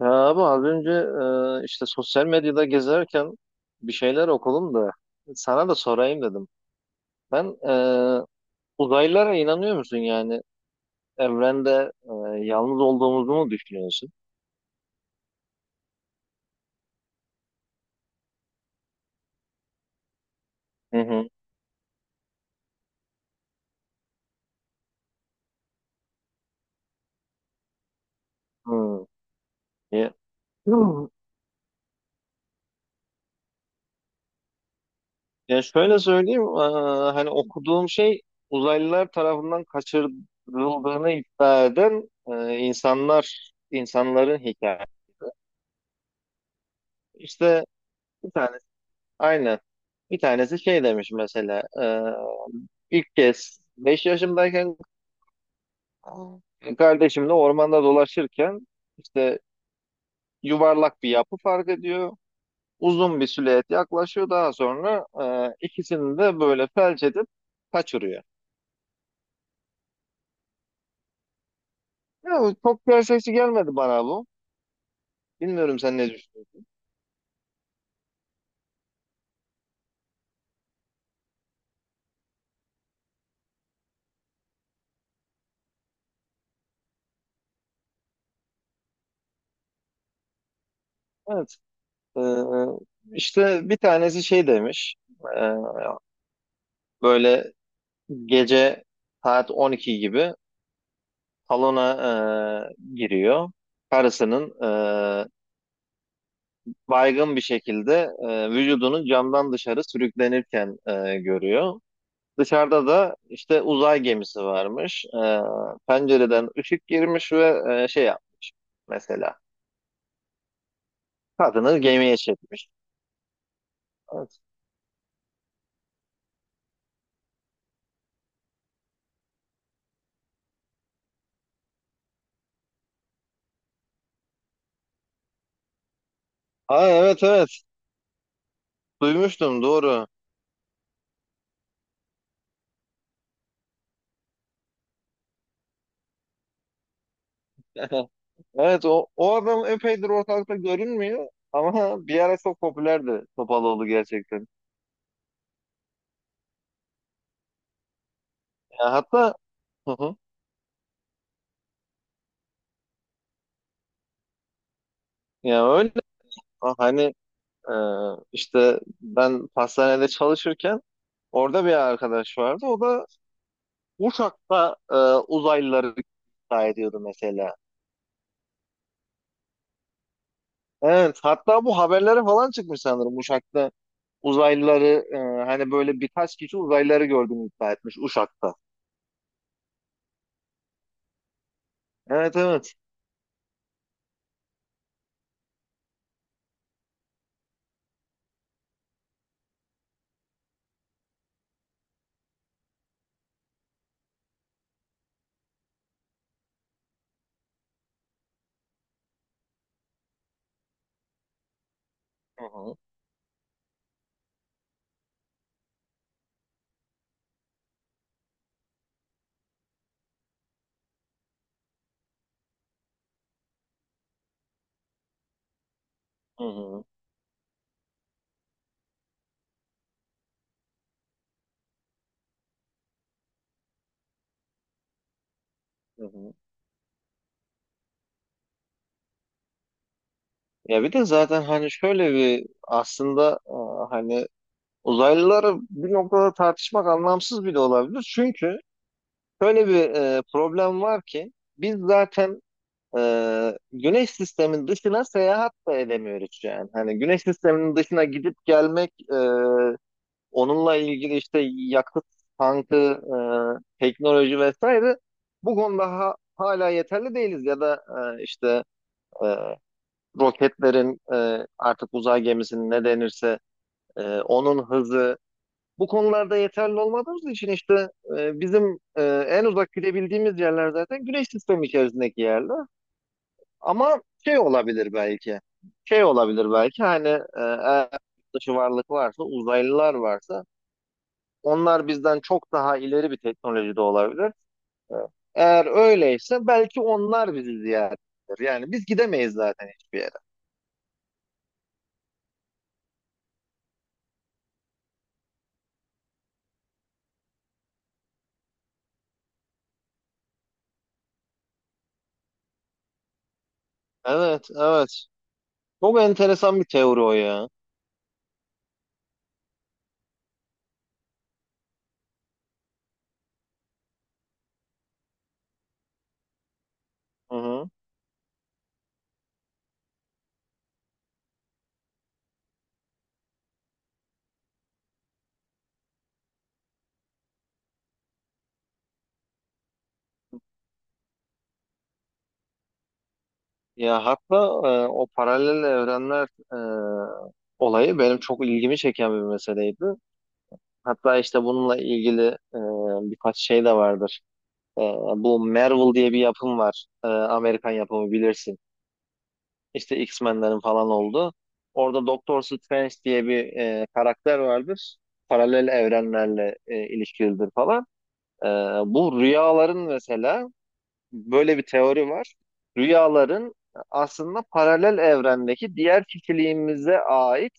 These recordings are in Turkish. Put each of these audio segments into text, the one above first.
Ya abi az önce işte sosyal medyada gezerken bir şeyler okudum da sana da sorayım dedim. Ben e, Uzaylılara inanıyor musun yani? Evrende yalnız olduğumuzu mu düşünüyorsun? Hı hı. Hmm. Ya, Hmm. Ya şöyle söyleyeyim, hani okuduğum şey uzaylılar tarafından kaçırıldığını iddia eden insanların hikayesi. İşte bir tanesi, aynen, bir tanesi şey demiş mesela. İlk kez 5 yaşımdayken kardeşimle ormanda dolaşırken işte yuvarlak bir yapı fark ediyor. Uzun bir silüet yaklaşıyor. Daha sonra ikisini de böyle felç edip kaçırıyor. Ya, çok gerçekçi gelmedi bana bu. Bilmiyorum sen ne düşünüyorsun. Evet. e, işte bir tanesi şey demiş. e, Böyle gece saat 12 gibi salona giriyor. Karısının e, baygın bir şekilde vücudunu camdan dışarı sürüklenirken görüyor. Dışarıda da işte uzay gemisi varmış. Pencereden ışık girmiş ve şey yapmış mesela. Kadını gemiye çekmiş. Evet. Aa, evet, evet. Duymuştum, doğru. Evet, o adam epeydir ortalıkta görünmüyor ama bir ara çok popülerdi Topaloğlu gerçekten. Ya hatta, hı hı. Ya öyle hani, e, işte ben pastanede çalışırken orada bir arkadaş vardı. O da uçakta uzaylıları iddia ediyordu mesela. Evet. Hatta bu haberlere falan çıkmış sanırım uçakta. Uzaylıları, e, hani böyle birkaç kişi uzaylıları gördüğünü iddia etmiş Uşak'ta. Evet, evet. Hı hı, hı hı, hı hı. Ya bir de zaten hani şöyle bir aslında, hani uzaylıları bir noktada tartışmak anlamsız bile olabilir. Çünkü şöyle bir problem var ki biz zaten güneş sistemin dışına seyahat da edemiyoruz yani. Hani güneş sisteminin dışına gidip gelmek, onunla ilgili işte yakıt tankı, teknoloji vesaire bu konuda hala yeterli değiliz. Ya da işte e, roketlerin, artık uzay gemisinin ne denirse, onun hızı bu konularda yeterli olmadığımız için işte bizim en uzak gidebildiğimiz yerler zaten güneş sistemi içerisindeki yerler. Ama şey olabilir belki. Şey olabilir belki hani, eğer yurt dışı varlık varsa, uzaylılar varsa onlar bizden çok daha ileri bir teknolojide olabilir. E, Eğer öyleyse belki onlar bizi ziyaret eder. Yani biz gidemeyiz zaten hiçbir yere. Evet, evet. Çok enteresan bir teori o ya. Hı hı. Ya hatta, o paralel evrenler olayı benim çok ilgimi çeken bir meseleydi. Hatta işte bununla ilgili e, birkaç şey de vardır. Ee, Bu Marvel diye bir yapım var. Amerikan yapımı, bilirsin. İşte X-Men'lerin falan oldu. Orada Doctor Strange diye bir karakter vardır. Paralel evrenlerle ilişkilidir falan. Ee, Bu rüyaların mesela, böyle bir teori var. Rüyaların aslında paralel evrendeki diğer kişiliğimize ait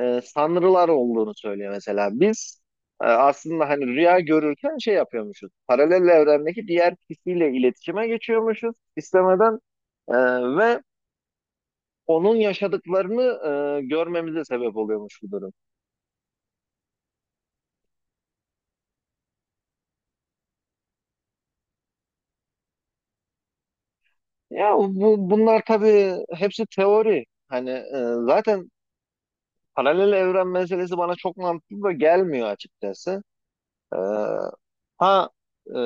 sanrılar olduğunu söylüyor mesela. Biz aslında hani rüya görürken şey yapıyormuşuz. Paralel evrendeki diğer kişiyle iletişime geçiyormuşuz istemeden e, ve onun yaşadıklarını görmemize sebep oluyormuş bu durum. Ya bunlar tabii hepsi teori. Hani zaten paralel evren meselesi bana çok mantıklı da gelmiyor açıkçası. E, ha e,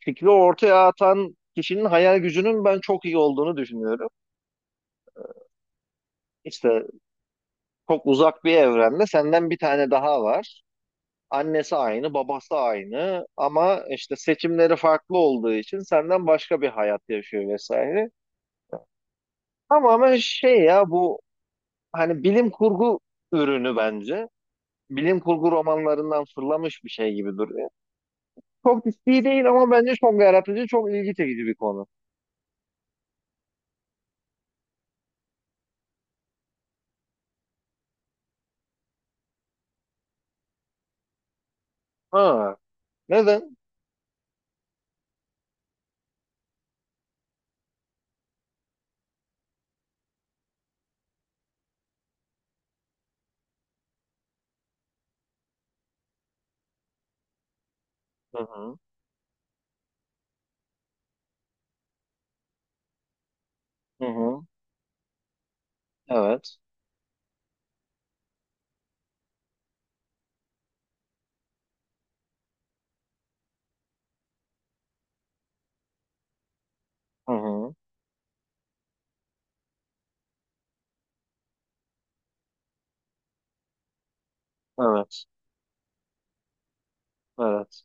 Fikri ortaya atan kişinin hayal gücünün ben çok iyi olduğunu düşünüyorum. İşte çok uzak bir evrende senden bir tane daha var. Annesi aynı, babası aynı ama işte seçimleri farklı olduğu için senden başka bir hayat yaşıyor vesaire. Tamamen şey ya bu, hani bilim kurgu ürünü bence. Bilim kurgu romanlarından fırlamış bir şey gibi duruyor. Çok ciddi değil ama bence çok yaratıcı, çok ilgi çekici bir konu. Ha, neden? Hı hı, hı hı, evet, hı hı, evet, evet.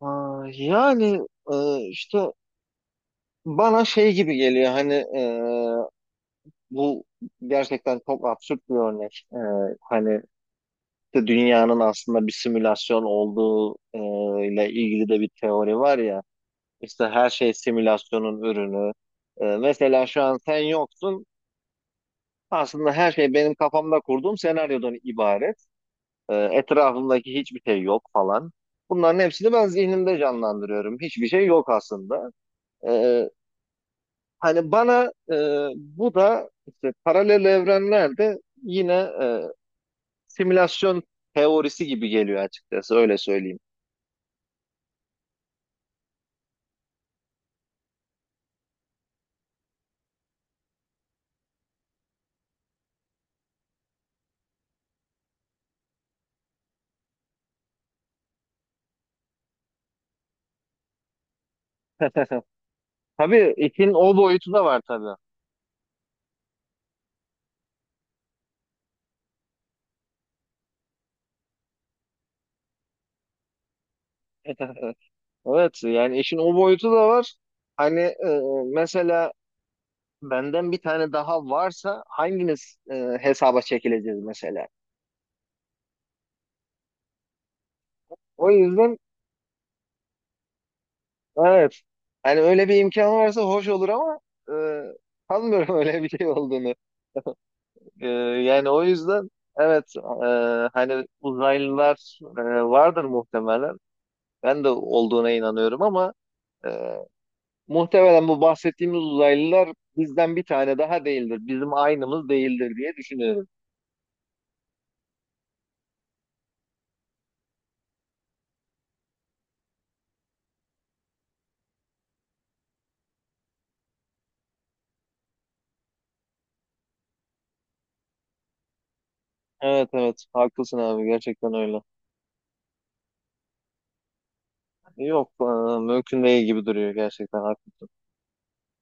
Ha, yani, işte bana şey gibi geliyor hani, bu gerçekten çok absürt bir örnek. Hani işte dünyanın aslında bir simülasyon olduğu ile ilgili de bir teori var ya. İşte her şey simülasyonun ürünü. Mesela şu an sen yoksun. Aslında her şey benim kafamda kurduğum senaryodan ibaret. Etrafımdaki hiçbir şey yok falan. Bunların hepsini ben zihnimde canlandırıyorum. Hiçbir şey yok aslında. E, Hani bana, bu da işte paralel evrenlerde yine e, simülasyon teorisi gibi geliyor açıkçası, öyle söyleyeyim. Tabii işin o boyutu da var tabii. Evet yani işin o boyutu da var. Hani mesela benden bir tane daha varsa hangimiz hesaba çekileceğiz mesela. O yüzden, evet. Hani öyle bir imkan varsa hoş olur ama e, sanmıyorum öyle bir şey olduğunu. Yani o yüzden evet, hani uzaylılar vardır muhtemelen. Ben de olduğuna inanıyorum ama e, muhtemelen bu bahsettiğimiz uzaylılar bizden bir tane daha değildir. Bizim aynımız değildir diye düşünüyorum. Evet, evet, haklısın abi, gerçekten öyle. Yok mümkün değil gibi duruyor, gerçekten haklısın.